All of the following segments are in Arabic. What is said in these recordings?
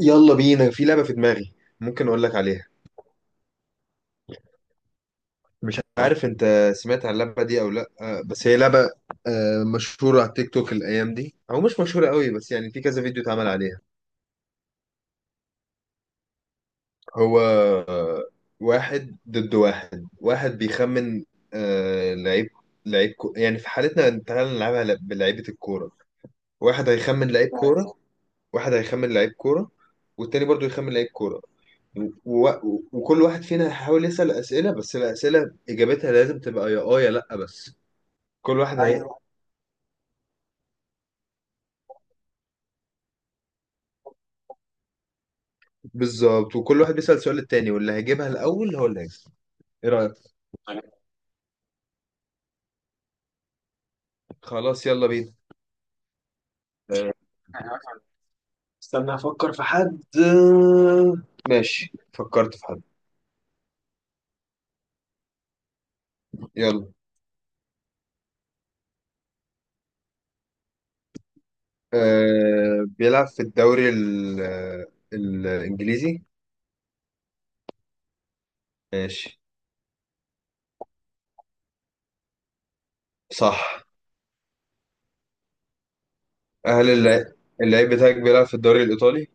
يلا بينا. في لعبة في دماغي. ممكن أقول لك عليها؟ مش عارف أنت سمعت عن اللعبة دي أو لأ، بس هي لعبة مشهورة على التيك توك الأيام دي أو مش مشهورة قوي، بس يعني في كذا فيديو اتعمل عليها. هو واحد ضد واحد. واحد بيخمن لعيب. يعني في حالتنا تعالى نلعبها بلعيبة الكورة. واحد هيخمن لعيب كورة، واحد هيخمن لعيب كورة والتاني برضو يخمن لعيب كورة. وكل واحد فينا هيحاول يسأل أسئلة، بس الأسئلة إجابتها لازم تبقى يا يا لأ بس. ايوه، بالظبط. وكل واحد بيسأل سؤال التاني واللي هيجيبها الأول هو اللي هيكسب. إيه رأيك؟ طيب. خلاص يلا بينا. آه، استنى افكر في حد. ماشي، فكرت في حد. يلا. بيلعب في الدوري الإنجليزي. ماشي. صح. هل اللعيب اللعيب بتاعك بيلعب في الدوري الإيطالي؟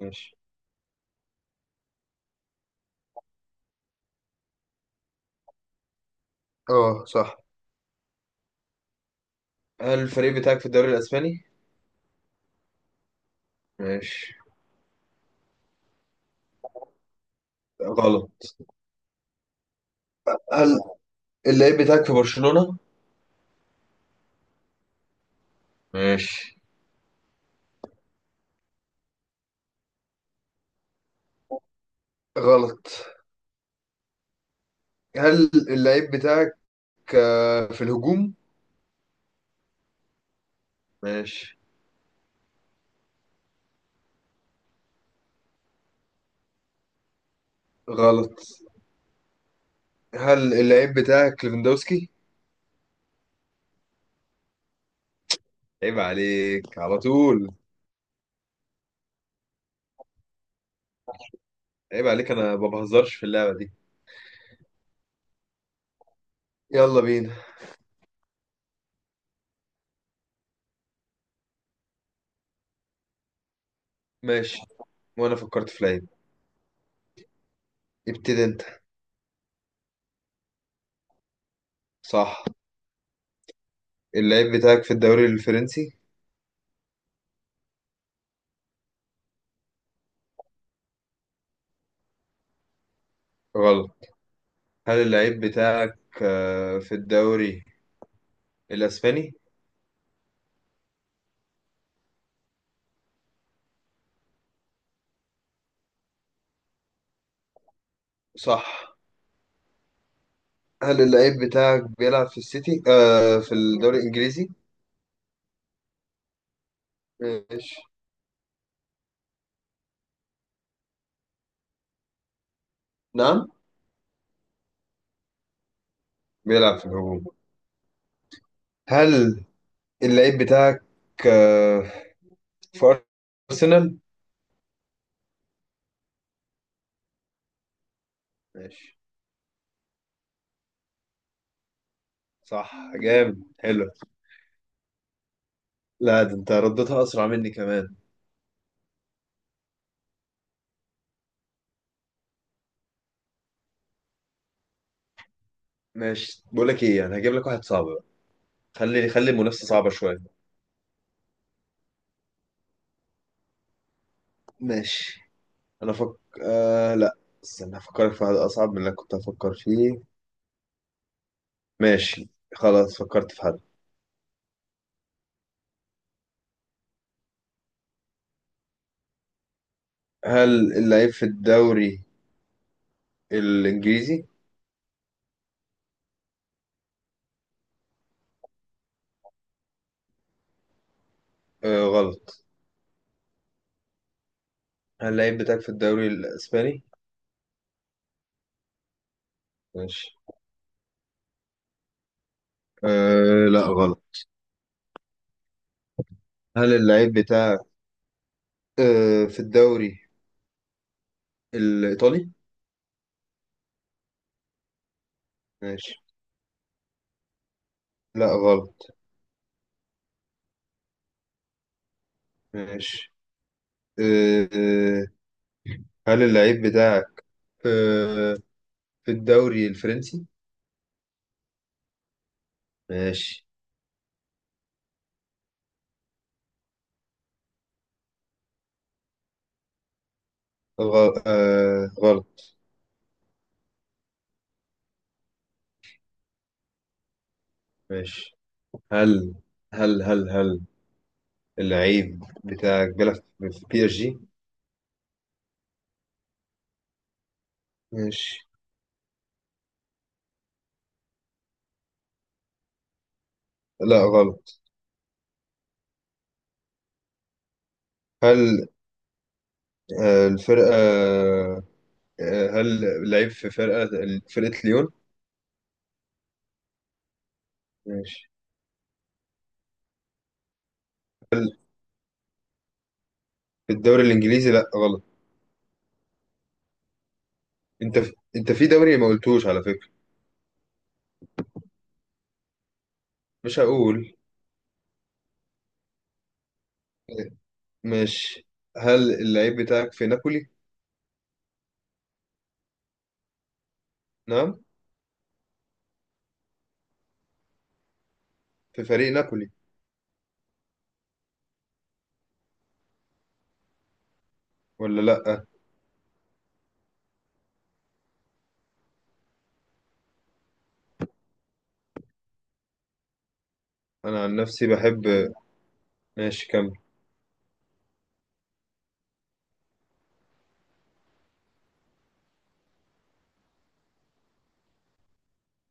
ماشي. اه صح. هل الفريق بتاعك في الدوري الاسباني؟ ماشي. غلط. هل اللعيب بتاعك في برشلونة؟ ماشي. غلط. هل اللعيب بتاعك في الهجوم؟ ماشي. غلط. هل اللعيب بتاعك ليفاندوسكي؟ عيب عليك على طول. عيب عليك، انا ما بهزرش في اللعبة دي. يلا بينا. ماشي، وانا فكرت في لعيب. ابتدي انت. صح. اللعيب بتاعك في الدوري الفرنسي؟ غلط. هل اللعيب بتاعك في الدوري الاسباني؟ صح. هل اللعيب بتاعك بيلعب في السيتي في الدوري الإنجليزي؟ ماشي. نعم. بيلعب في الهجوم. هل اللعيب بتاعك آه في أرسنال؟ ماشي. صح، جامد، حلو. لا، ده انت ردتها أسرع مني كمان. ماشي، بقول لك ايه، انا هجيب لك واحد صعب بقى. خلي المنافسة صعبة شوية. ماشي. انا فك آه لا، استنى هفكرك في حد أصعب من اللي أنا كنت هفكر فيه. ماشي، خلاص فكرت في حد. هل اللعيب في الدوري الإنجليزي؟ آه غلط. هل اللعيب بتاعك في الدوري الإسباني؟ ماشي. آه لا غلط. هل اللعيب بتاعك في الدوري الإيطالي؟ ماشي. لا غلط. ماشي. آه آه، هل اللعيب بتاعك آه في الدوري الفرنسي؟ ماشي. غل... آه غلط. ماشي. هل هل اللعيب بتاعك بيلعب في بي اس جي؟ ماشي. لا غلط. هل الفرقة، هل لعب في فرقة ليون؟ ماشي. في الدوري الإنجليزي؟ لأ غلط. أنت في دوري ما قلتوش على فكرة. مش هقول. ماشي. هل اللعيب بتاعك في نابولي؟ نعم. في فريق نابولي ولا لأ؟ أنا عن نفسي بحب. ماشي كمل.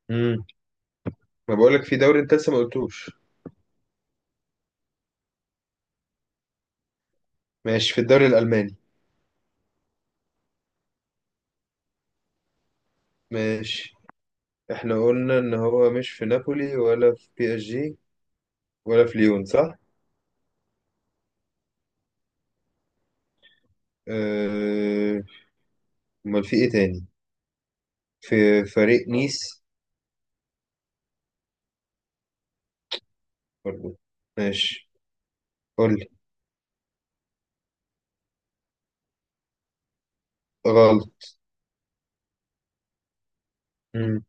امم ما بقولك في دوري أنت لسه ما قلتوش. ماشي، في الدوري الألماني. ماشي. احنا قلنا إن هو مش في نابولي ولا في بي اس جي ولا في ليون، صح؟ أه... أمال في إيه تاني؟ في فريق نيس؟ برضو. ماشي، قول لي. غلط. مم.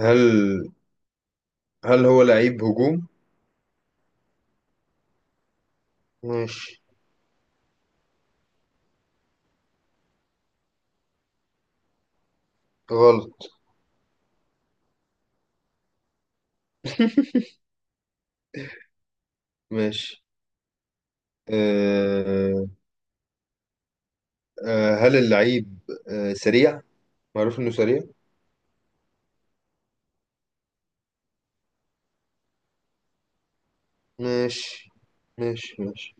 هل هل هو لعيب هجوم؟ ماشي. غلط. ماشي. أه... هل اللعيب سريع؟ معروف إنه سريع؟ ماشي. ماشي ماشي.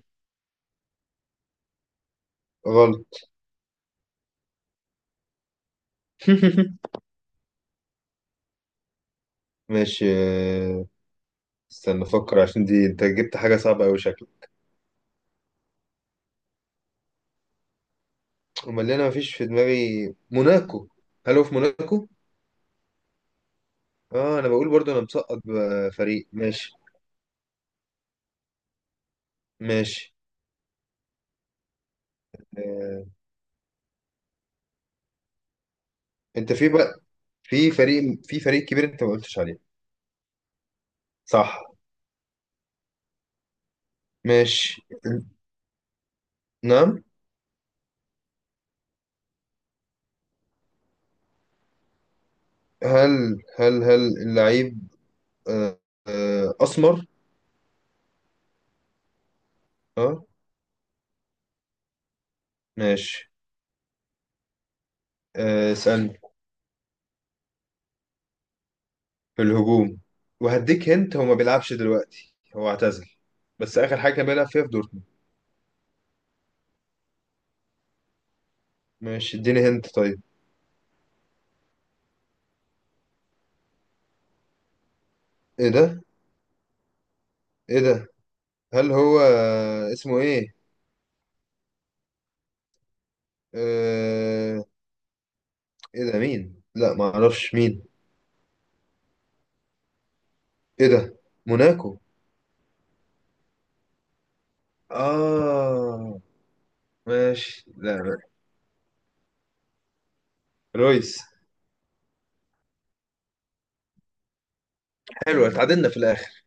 غلط. ماشي. استنى أفكر عشان دي أنت جبت حاجة صعبة أوي شكلك. أمال اللي أنا مفيش في دماغي موناكو. هل هو في موناكو؟ آه، أنا بقول برضو. أنا مسقط بفريق. ماشي. ماشي. أه... أنت في بقى، في فريق كبير انت ما قلتش عليه. صح. ماشي. نعم. هل هل اللعيب آه، اسمر؟ اه. ماشي. اسالني. في الهجوم. وهديك هنت، هو ما بيلعبش دلوقتي، هو اعتزل. بس اخر حاجه كان بيلعب فيها في دورتموند. ماشي، اديني هنت طيب. ايه ده، ايه ده. هل هو اسمه ايه؟ آه، ايه ده مين؟ لا، ما اعرفش مين. ايه ده، موناكو؟ اه. ماشي. لا. رويس. حلو، اتعادلنا في الاخر.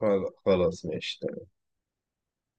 خلاص خلاص، ماشي.